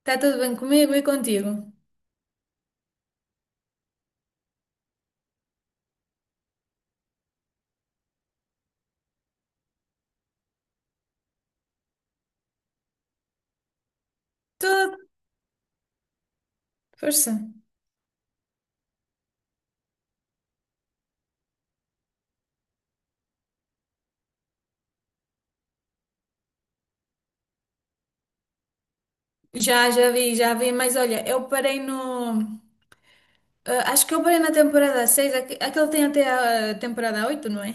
Está tudo bem comigo e contigo? Tudo, força. Já vi, mas olha, eu parei no. ah, acho que eu parei na temporada 6 aquele tem até a temporada oito, não é?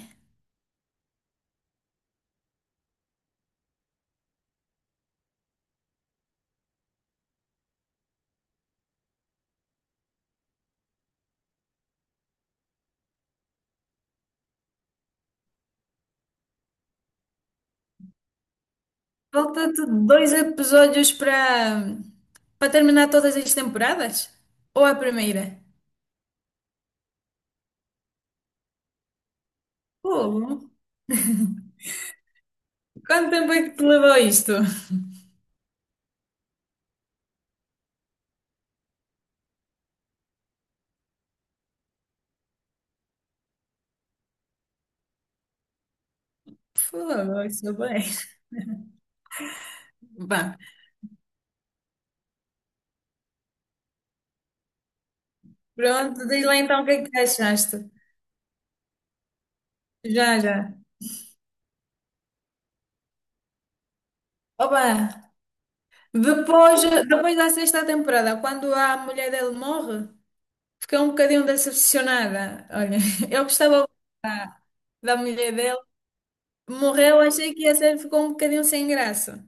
Falta-te dois episódios para terminar todas as temporadas? Ou a primeira? Fogo. Quanto tempo é que te levou isto? Fogo, isso bem. Bah, pronto, diz lá então o que é que achaste. Já, já. Oba! Depois, depois da sexta temporada, quando a mulher dele morre, fiquei um bocadinho decepcionada. Olha, eu gostava da, da mulher dele. Morreu, achei que a série ficou um bocadinho sem graça.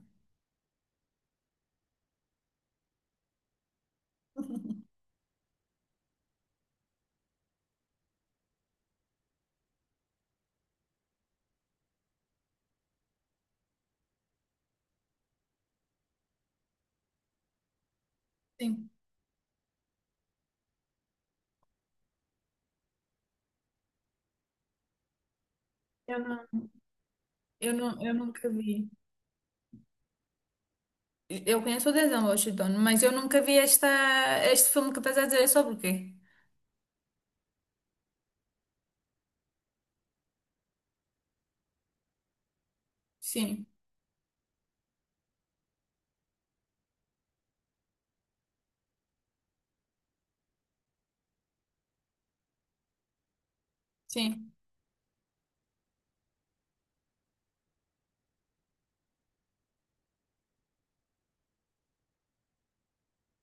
Sim, eu não, eu não, eu nunca vi. Eu conheço o Denzel Washington, mas eu nunca vi este filme que estás a dizer. É sobre o quê? Sim, sim.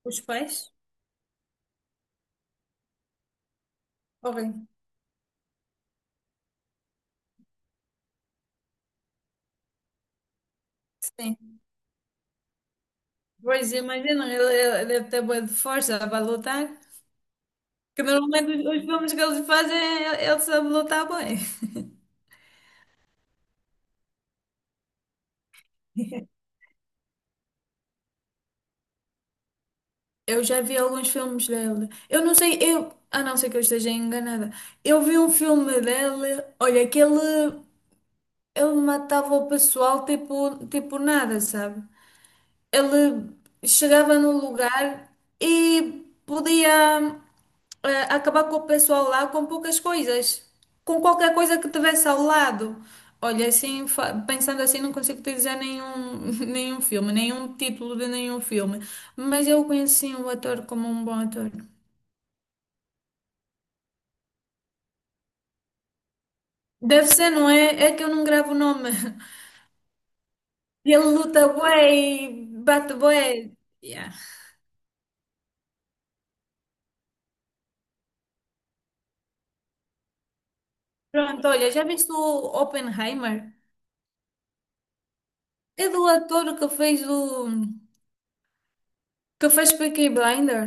Os pais? Horrível. Sim. Pois imagina, ele ele deve ter boa de força para lutar. Que normalmente os filmes que eles fazem, ele sabe lutar bem. Eu já vi alguns filmes dele. Eu não sei, eu, a não ser que eu esteja enganada. Eu vi um filme dele, olha, que ele matava o pessoal tipo nada, sabe? Ele chegava no lugar e podia acabar com o pessoal lá com poucas coisas, com qualquer coisa que tivesse ao lado. Olha, assim, pensando assim, não consigo te dizer nenhum, nenhum filme, nenhum título de nenhum filme, mas eu conheci o ator como um bom ator. Deve ser, não é? É que eu não gravo o nome. Ele luta bué e bate bué. Yeah. Pronto, olha, já viste o Oppenheimer? É do ator que fez o. Que fez Peaky Blinder.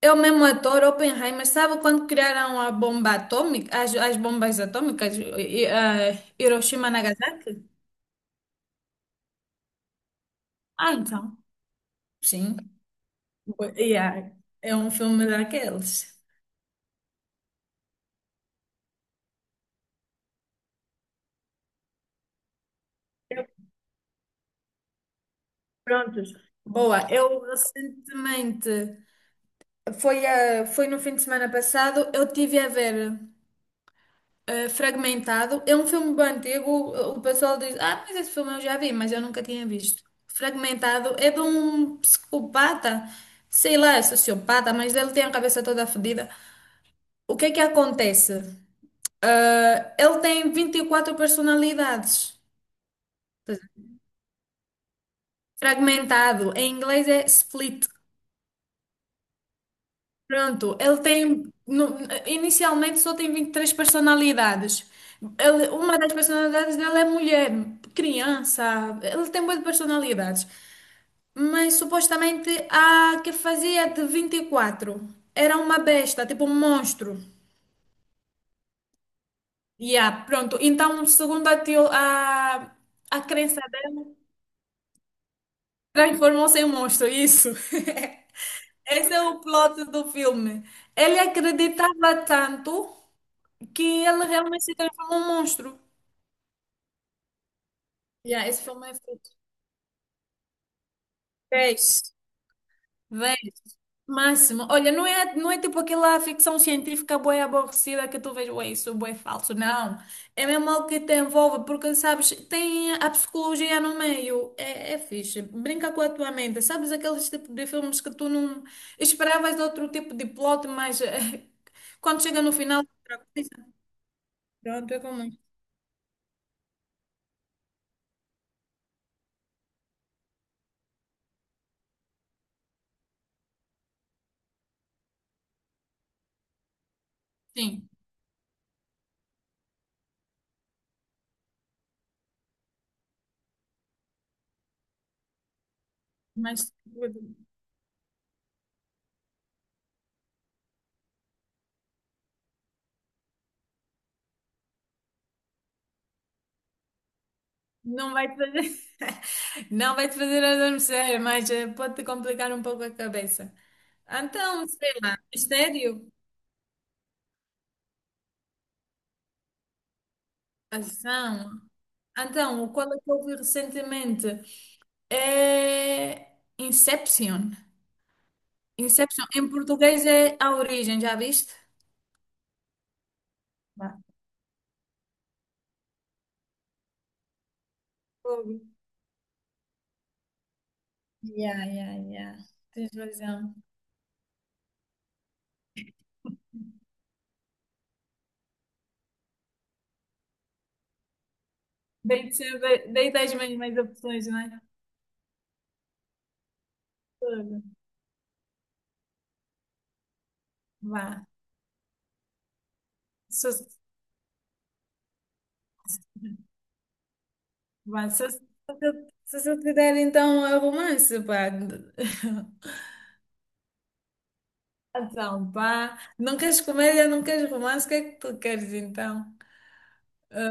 É o mesmo ator, Oppenheimer. Sabe quando criaram a bomba atômica, as bombas atômicas, Hiroshima e Nagasaki? Ah, então. Sim. Yeah. É um filme daqueles. Eu- Prontos. Boa. Eu recentemente, foi, a Foi no fim de semana passado, eu tive a ver Fragmentado. É um filme bem antigo. O pessoal diz: Ah, mas esse filme eu já vi, mas eu nunca tinha visto. Fragmentado é de um psicopata, sei lá, é sociopata, mas ele tem a cabeça toda fodida. O que é que acontece? Ah, ele tem 24 personalidades. Fragmentado, em inglês é split. Pronto, ele tem, no- inicialmente só tem 23 personalidades. Ele, uma das personalidades dele é mulher, criança, ele tem muitas personalidades. Mas supostamente a que fazia de 24 era uma besta, tipo um monstro. Yeah, pronto, então segundo a crença dela, transformou-se em monstro, isso. Esse é o plot do filme. Ele acreditava tanto que ele realmente se transforma num monstro. Yeah, esse filme é feito. Vês, vês, máximo. Olha, não é tipo aquela ficção científica bué aborrecida que tu vês, ué, isso é bué falso. Não. É mesmo algo que te envolve, porque, sabes, tem a psicologia no meio. É fixe. Brinca com a tua mente. Sabes aqueles tipo de filmes que tu não esperavas outro tipo de plot, mas quando chega no final, outra coisa. Pronto, é como. Sim, mas. Não vai te fazer, não vai te fazer adormecer, mas eh, pode-te complicar um pouco a cabeça. Então, sei lá, mistério, ação. Então, o qual é que eu vi recentemente é Inception. Inception, em português é A Origem, já viste? Não. Ouvi. Yeah, yeah, yeah. Tens razão. Dei-te as mesmas opções, não é? Tudo. Vá. Sucesso. Bem, se eu te der então a romance, pá. Então, pá. Não queres comédia, não queres romance, o que é que tu queres então? Ah,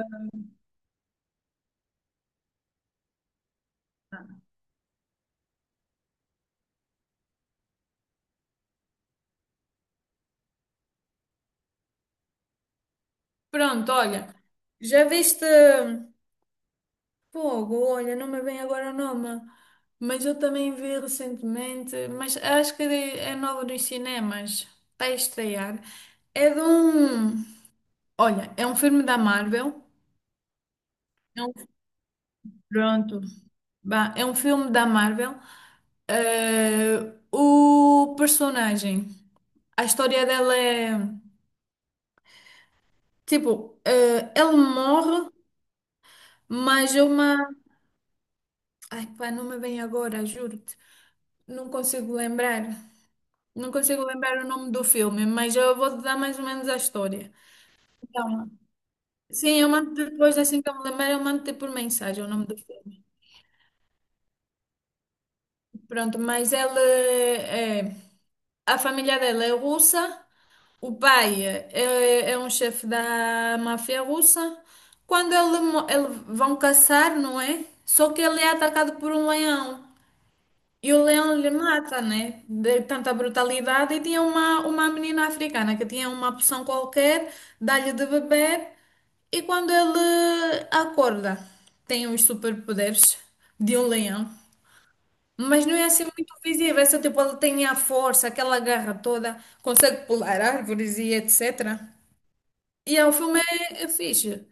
pronto, olha. Já viste, fogo, olha, não me vem agora o nome. Mas eu também vi recentemente, mas acho que é novo nos cinemas. Está a estrear. É de um. Olha, é um filme da Marvel. É um- Pronto. Bah, é um filme da Marvel. Eh, o personagem, a história dela é tipo, ele morre, mas é uma. Ai, pá, não me vem agora, juro-te. Não consigo lembrar. Não consigo lembrar o nome do filme, mas eu vou-te dar mais ou menos a história. Então, sim, eu mando depois, assim que eu me lembrar, eu mando-te por mensagem o nome do filme. Pronto, mas a família dela é russa, é um chefe da máfia russa. Quando ele, ele vão caçar, não é? Só que ele é atacado por um leão. E o leão lhe mata, né? De tanta brutalidade. E tinha uma menina africana que tinha uma poção qualquer, dá-lhe de beber. E quando ele acorda, tem os superpoderes de um leão. Mas não é assim muito visível. É só tipo, ele tem a força, aquela garra toda, consegue pular árvores e etc. E é, o filme é fixe.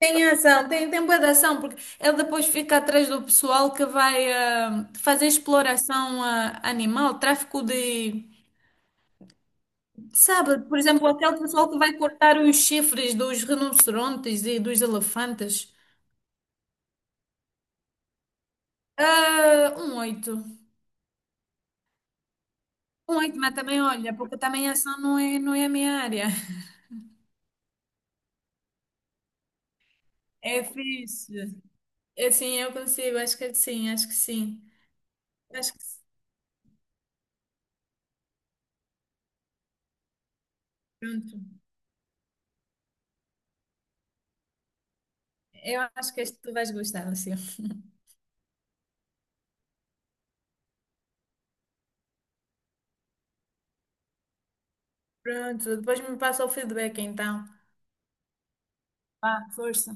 Tem ação, tem bué de ação, porque ele depois fica atrás do pessoal que vai fazer exploração animal, tráfico de. Sabe, por exemplo, aquele pessoal que vai cortar os chifres dos rinocerontes e dos elefantes. Ah, um oito. Um oito, mas também olha, porque também ação não é a minha área. É fixe. Eu, sim, eu consigo, acho que sim. Acho que sim. Pronto. Eu acho que este tu vais gostar, Lucio. Pronto, depois me passa o feedback então. Vá, força.